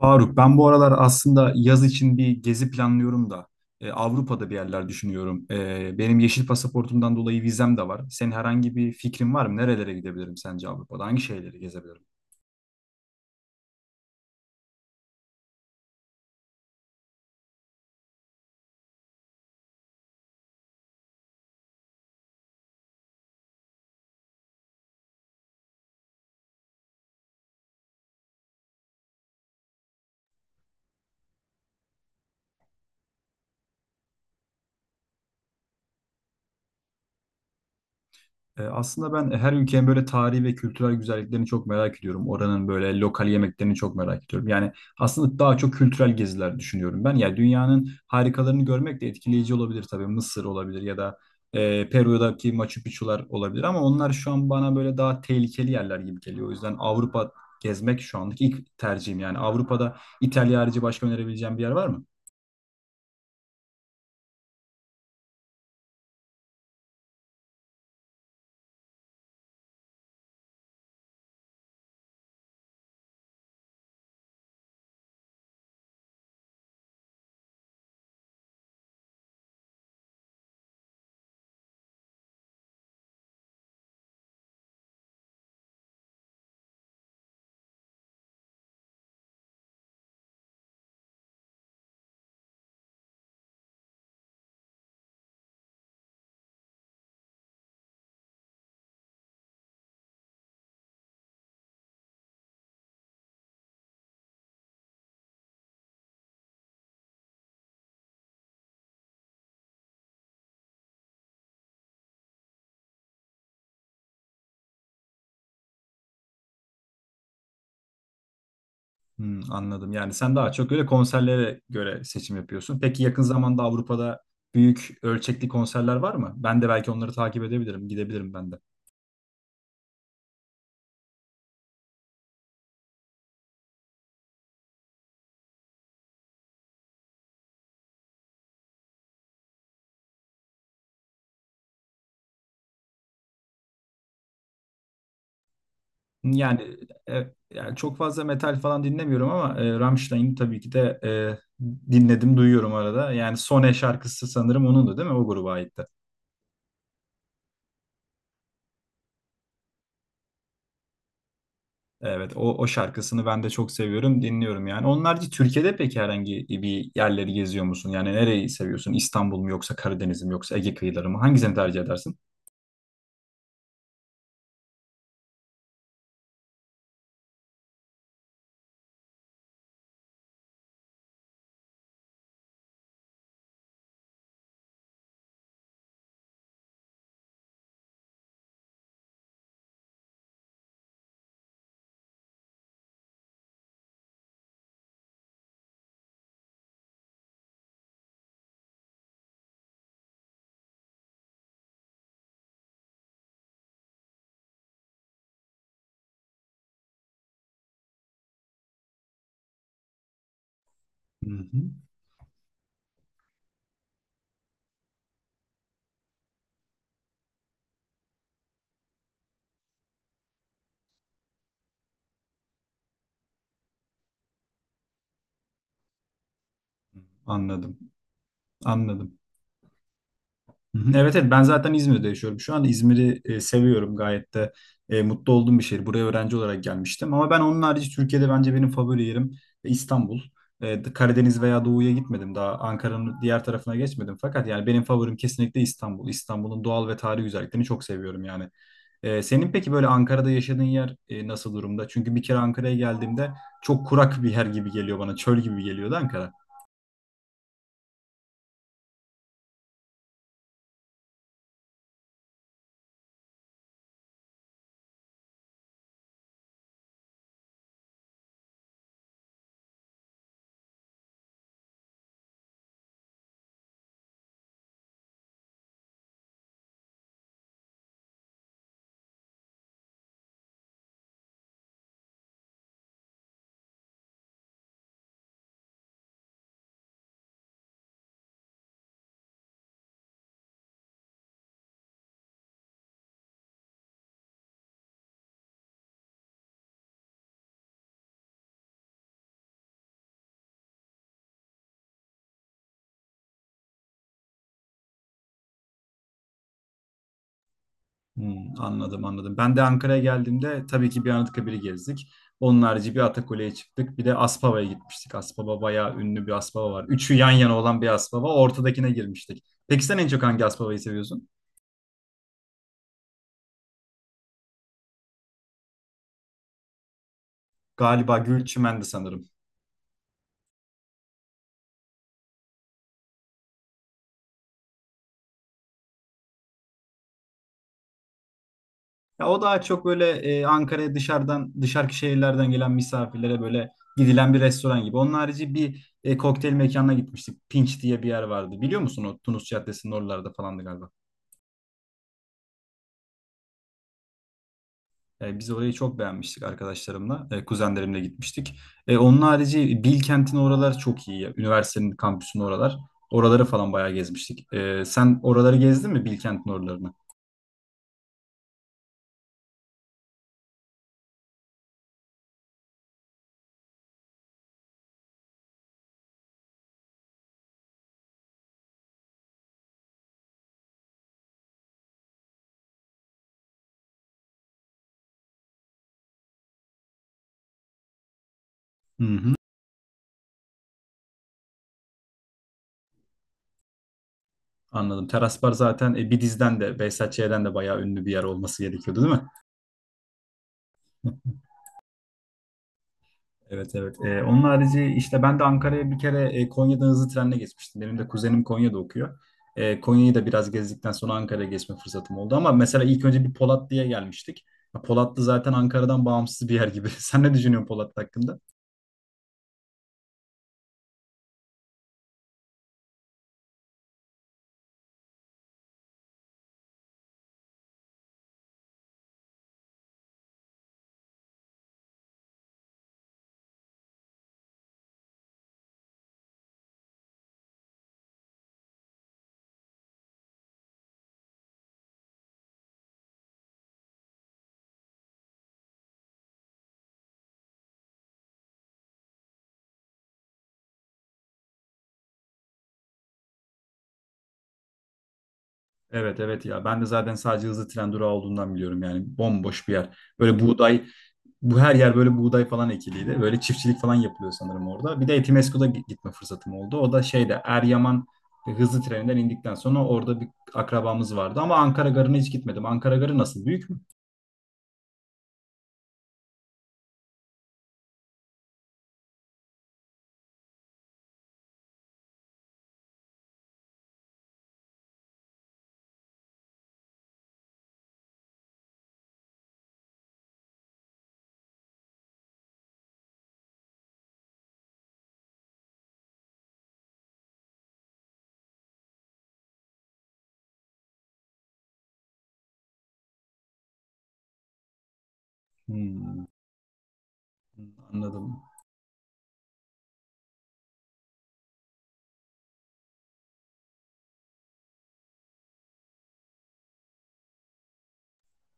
Faruk, ben bu aralar aslında yaz için bir gezi planlıyorum da Avrupa'da bir yerler düşünüyorum. Benim yeşil pasaportumdan dolayı vizem de var. Senin herhangi bir fikrin var mı? Nerelere gidebilirim sence Avrupa'da? Hangi şehirleri gezebilirim? Aslında ben her ülkenin böyle tarihi ve kültürel güzelliklerini çok merak ediyorum. Oranın böyle lokal yemeklerini çok merak ediyorum. Yani aslında daha çok kültürel geziler düşünüyorum ben. Yani dünyanın harikalarını görmek de etkileyici olabilir tabii. Mısır olabilir ya da Peru'daki Machu Picchu'lar olabilir. Ama onlar şu an bana böyle daha tehlikeli yerler gibi geliyor. O yüzden Avrupa gezmek şu andaki ilk tercihim. Yani Avrupa'da İtalya harici başka önerebileceğim bir yer var mı? Hmm, anladım. Yani sen daha çok öyle konserlere göre seçim yapıyorsun. Peki yakın zamanda Avrupa'da büyük ölçekli konserler var mı? Ben de belki onları takip edebilirim, gidebilirim ben de. Yani, e, yani çok fazla metal falan dinlemiyorum ama Rammstein'i tabii ki de dinledim, duyuyorum arada. Yani Sone şarkısı sanırım onundu değil mi? O gruba aitti. Evet, o şarkısını ben de çok seviyorum, dinliyorum yani. Onlarca Türkiye'de peki herhangi bir yerleri geziyor musun? Yani nereyi seviyorsun? İstanbul mu yoksa Karadeniz mi yoksa Ege kıyıları mı? Hangisini tercih edersin? Hı hı. Anladım. Anladım. Hı hı. Evet, evet, ben zaten İzmir'de yaşıyorum. Şu anda İzmir'i seviyorum. Gayet de mutlu olduğum bir şehir. Buraya öğrenci olarak gelmiştim. Ama ben onun harici Türkiye'de bence benim favori yerim İstanbul. Karadeniz veya Doğu'ya gitmedim daha. Ankara'nın diğer tarafına geçmedim. Fakat yani benim favorim kesinlikle İstanbul. İstanbul'un doğal ve tarihi güzelliklerini çok seviyorum yani. Senin peki böyle Ankara'da yaşadığın yer nasıl durumda? Çünkü bir kere Ankara'ya geldiğimde çok kurak bir yer gibi geliyor bana. Çöl gibi geliyordu Ankara. Hmm, anladım, anladım. Ben de Ankara'ya geldiğimde tabii ki bir Anıtkabir'i gezdik. Onun harici bir Atakule'ye çıktık. Bir de Aspava'ya gitmiştik. Aspava bayağı ünlü, bir Aspava var. Üçü yan yana olan bir Aspava. Ortadakine girmiştik. Peki sen en çok hangi Aspava'yı seviyorsun? Galiba Gülçimen'di sanırım. Ya o daha çok böyle Ankara'ya dışarıdan, dışarıki şehirlerden gelen misafirlere böyle gidilen bir restoran gibi. Onun harici bir kokteyl mekanına gitmiştik. Pinç diye bir yer vardı. Biliyor musun, o Tunus Caddesi'nin oralarda falandı galiba. Biz orayı çok beğenmiştik arkadaşlarımla. Kuzenlerimle gitmiştik. Onun harici Bilkent'in oralar çok iyi ya. Üniversitenin kampüsünün oralar. Oraları falan bayağı gezmiştik. Sen oraları gezdin mi, Bilkent'in oralarını? Hı hı. Anladım. Teras Bar zaten Bidiz'den de, BSHC'den de bayağı ünlü bir yer olması gerekiyordu değil mi? Evet, evet. Onun harici işte ben de Ankara'ya bir kere Konya'dan hızlı trenle geçmiştim. Benim de kuzenim Konya'da okuyor. Konya'yı da biraz gezdikten sonra Ankara'ya geçme fırsatım oldu. Ama mesela ilk önce bir Polatlı'ya gelmiştik. Ya, Polatlı zaten Ankara'dan bağımsız bir yer gibi. Sen ne düşünüyorsun Polatlı hakkında? Evet, evet, ya ben de zaten sadece hızlı tren durağı olduğundan biliyorum, yani bomboş bir yer. Böyle buğday, bu her yer böyle buğday falan ekiliydi. Böyle çiftçilik falan yapılıyor sanırım orada. Bir de Etimesgut'a gitme fırsatım oldu. O da şeyde Eryaman hızlı treninden indikten sonra orada bir akrabamız vardı. Ama Ankara Garı'na hiç gitmedim. Ankara Garı nasıl? Büyük mü? Hmm, anladım.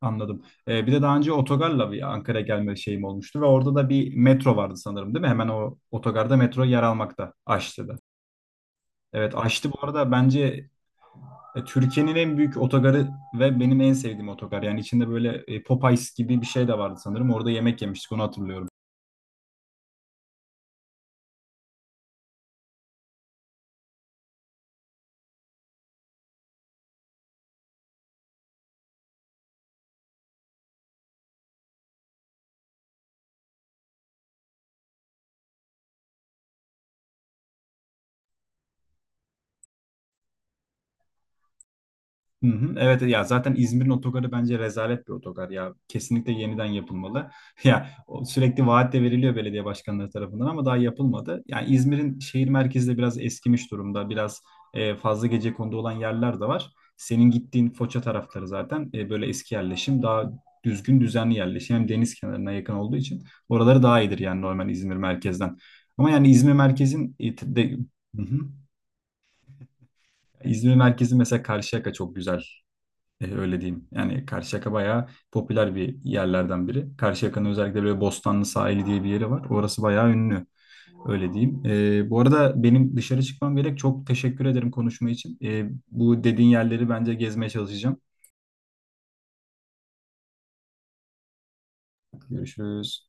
Anladım. Bir de daha önce otogarla bir Ankara'ya gelme şeyim olmuştu ve orada da bir metro vardı sanırım değil mi? Hemen o otogarda metro yer almakta. Aşçı'da. Evet, Aşçı bu arada bence Türkiye'nin en büyük otogarı ve benim en sevdiğim otogar. Yani içinde böyle Popeyes gibi bir şey de vardı sanırım. Orada yemek yemiştik, onu hatırlıyorum. Hı hı. Evet ya, zaten İzmir'in otogarı bence rezalet bir otogar ya. Kesinlikle yeniden yapılmalı. Ya o sürekli vaat de veriliyor belediye başkanları tarafından ama daha yapılmadı. Yani İzmir'in şehir merkezi de biraz eskimiş durumda. Biraz fazla gecekondu olan yerler de var. Senin gittiğin Foça tarafları zaten böyle eski yerleşim, daha düzgün düzenli yerleşim. Hem deniz kenarına yakın olduğu için oraları daha iyidir yani normal İzmir merkezden. Ama yani İzmir merkezin de, hı hı. İzmir merkezi mesela Karşıyaka çok güzel. Öyle diyeyim. Yani Karşıyaka bayağı popüler bir yerlerden biri. Karşıyaka'nın özellikle böyle Bostanlı Sahili diye bir yeri var. Orası bayağı ünlü. Öyle diyeyim. Bu arada benim dışarı çıkmam gerek. Çok teşekkür ederim konuşma için. Bu dediğin yerleri bence gezmeye çalışacağım. Görüşürüz.